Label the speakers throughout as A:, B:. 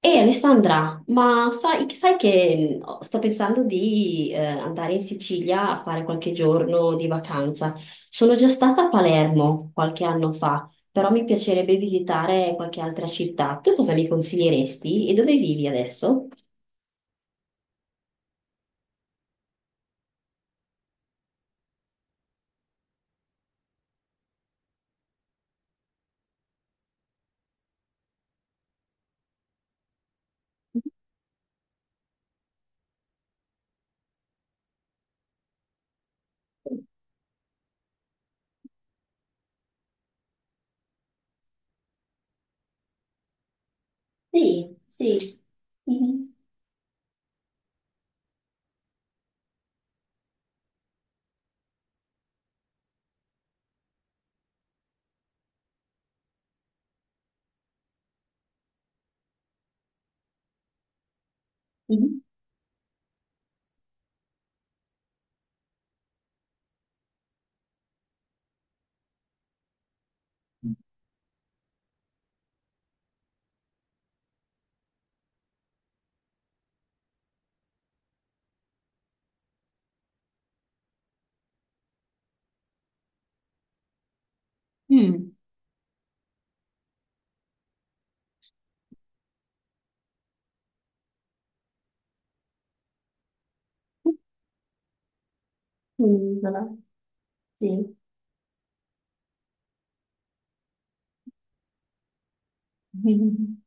A: E Alessandra, ma sai che sto pensando di andare in Sicilia a fare qualche giorno di vacanza. Sono già stata a Palermo qualche anno fa, però mi piacerebbe visitare qualche altra città. Tu cosa mi consiglieresti e dove vivi adesso? Sì, sì. Mhm, mhm. Mm. Un'isola, sì. Mhm,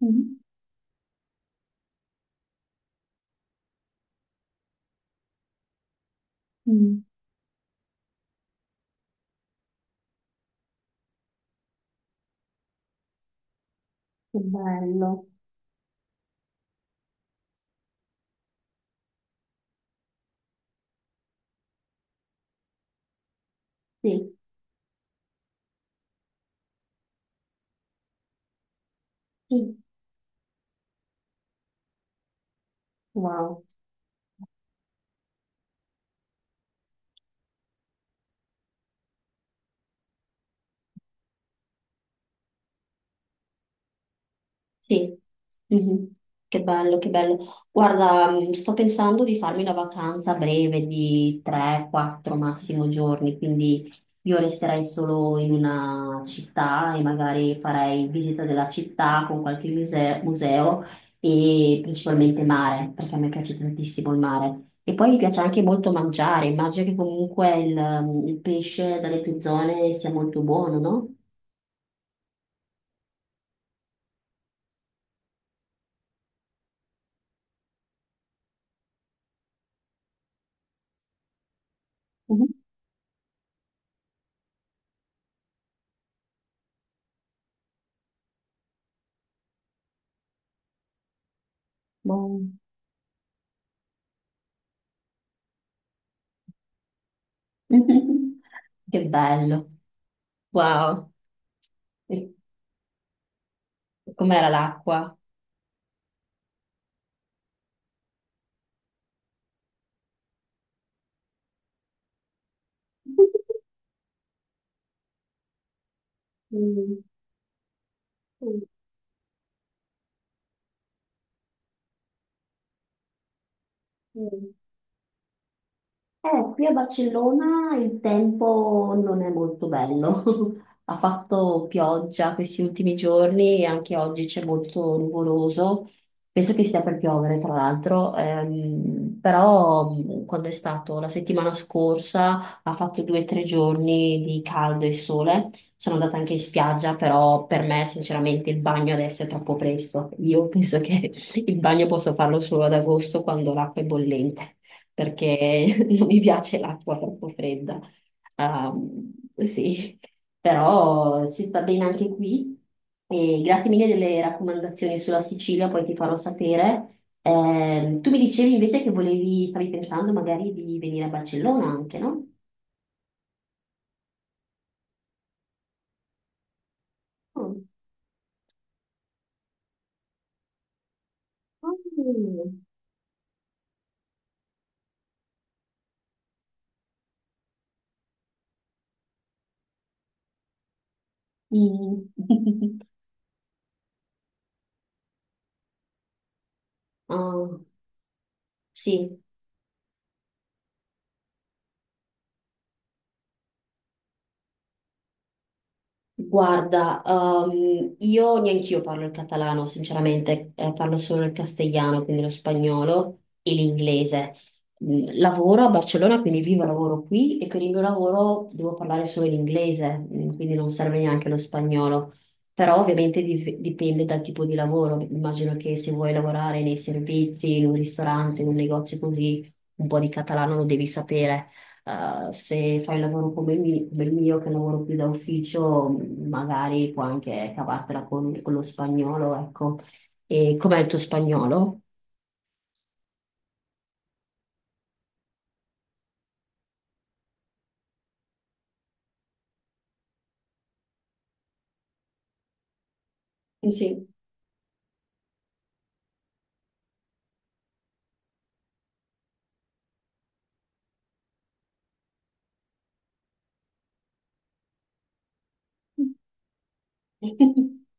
A: mhm, mhm. Che bello, sì. Sì. Wow. Sì, mhm. Che bello, che bello. Guarda, sto pensando di farmi una vacanza breve di 3-4 massimo giorni, quindi io resterei solo in una città e magari farei visita della città con qualche museo e principalmente mare, perché a me piace tantissimo il mare. E poi mi piace anche molto mangiare, immagino che comunque il pesce dalle tue zone sia molto buono, no? Mhm. Buono. Che bello. Wow. E com'era l'acqua? Mm, mm, mm. Qui a Barcellona il tempo non è molto bello. Ha fatto pioggia questi ultimi giorni e anche oggi c'è molto nuvoloso. Penso che stia per piovere, tra l'altro. Però quando è stato la settimana scorsa ha fatto due o tre giorni di caldo e sole. Sono andata anche in spiaggia, però per me sinceramente il bagno adesso è troppo presto. Io penso che il bagno posso farlo solo ad agosto quando l'acqua è bollente perché non mi piace l'acqua troppo fredda. Ehm, sì, però si sta bene anche qui. E grazie mille delle raccomandazioni sulla Sicilia, poi ti farò sapere. Tu mi dicevi invece che stavi pensando magari di venire a Barcellona anche, no? Oh. Mm. Mm. Ah, sì. Guarda, io neanch'io parlo il catalano, sinceramente, parlo solo il castigliano, quindi lo spagnolo e l'inglese. Mm, lavoro a Barcellona, quindi vivo e lavoro qui e con il mio lavoro devo parlare solo l'inglese, mm, quindi non serve neanche lo spagnolo. Però ovviamente dipende dal tipo di lavoro. Immagino che se vuoi lavorare nei servizi, in un ristorante, in un negozio così, un po' di catalano lo devi sapere. Se fai un lavoro come, come il mio, che lavoro più da ufficio, magari puoi anche cavartela con lo spagnolo, ecco. E com'è il tuo spagnolo? Sì.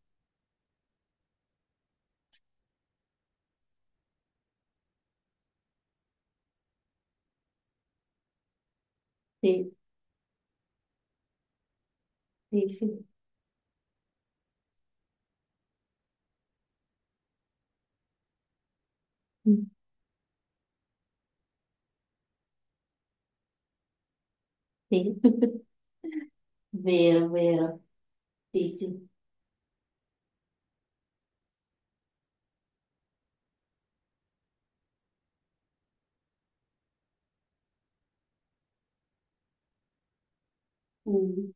A: Sì, sì, sì. Mm, sì. Vero, vero. Sì, sì. Mm.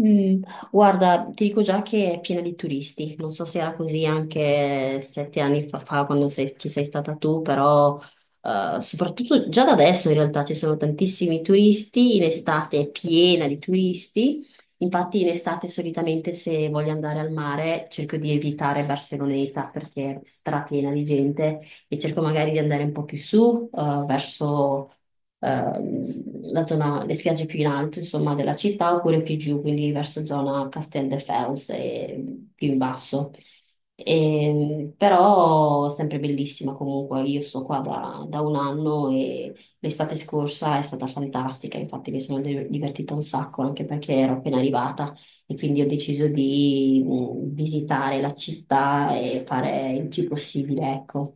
A: Mm, guarda, ti dico già che è piena di turisti, non so se era così anche 7 anni fa, quando ci sei stata tu, però soprattutto già da adesso in realtà ci sono tantissimi turisti, in estate è piena di turisti, infatti in estate solitamente se voglio andare al mare cerco di evitare Barceloneta perché è strapiena di gente e cerco magari di andare un po' più su, verso la zona, le spiagge più in alto, insomma, della città, oppure più giù, quindi verso zona Casteldefels e più in basso. E, però sempre bellissima comunque, io sto qua da 1 anno e l'estate scorsa è stata fantastica, infatti mi sono divertita un sacco anche perché ero appena arrivata e quindi ho deciso di visitare la città e fare il più possibile, ecco.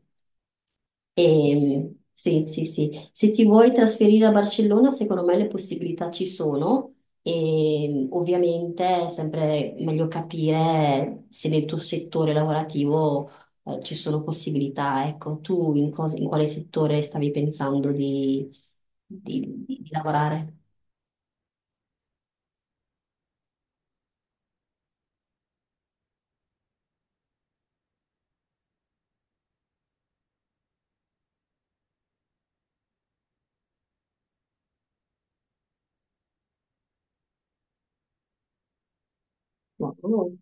A: E, sì, sì, sì. Se ti vuoi trasferire a Barcellona, secondo me le possibilità ci sono. E ovviamente è sempre meglio capire se nel tuo settore lavorativo ci sono possibilità. Ecco, tu in quale settore stavi pensando di lavorare? Wow.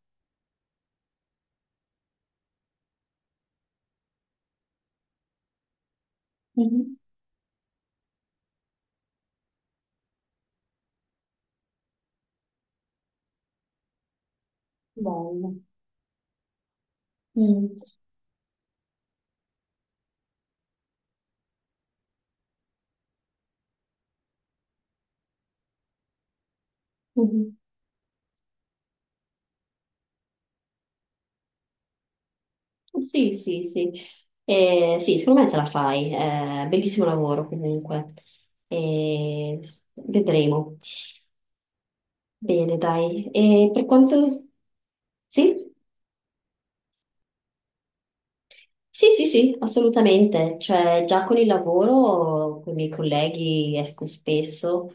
A: Mhm. Bello. Mm. Mhm. Sì, sì, sì. Sì, secondo me ce la fai. Bellissimo lavoro comunque. Eh, vedremo. Bene, dai. E per quanto... Sì? Sì, sì, sì, assolutamente. Cioè, già con il lavoro, con i miei colleghi esco spesso,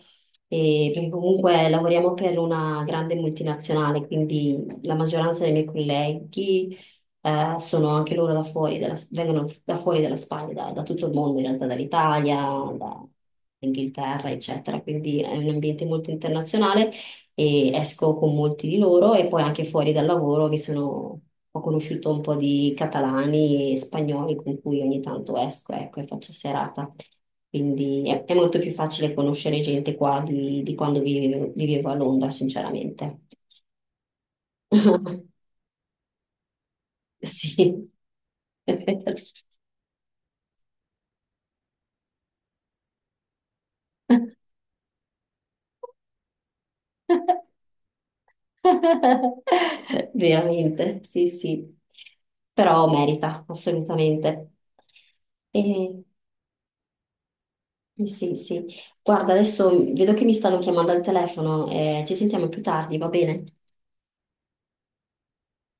A: perché comunque lavoriamo per una grande multinazionale, quindi la maggioranza dei miei colleghi sono anche loro da fuori vengono da fuori dalla Spagna, da tutto il mondo, in realtà dall'Italia, dall'Inghilterra, eccetera. Quindi è un ambiente molto internazionale e esco con molti di loro e poi anche fuori dal lavoro ho conosciuto un po' di catalani e spagnoli con cui ogni tanto esco, ecco, e faccio serata. Quindi è molto più facile conoscere gente qua di quando vivevo a Londra, sinceramente. Sì. Veramente, sì, sì. Però merita, assolutamente. E... Sì, sì. Sì. Guarda, adesso vedo che mi stanno chiamando al telefono, ci sentiamo più tardi, va bene?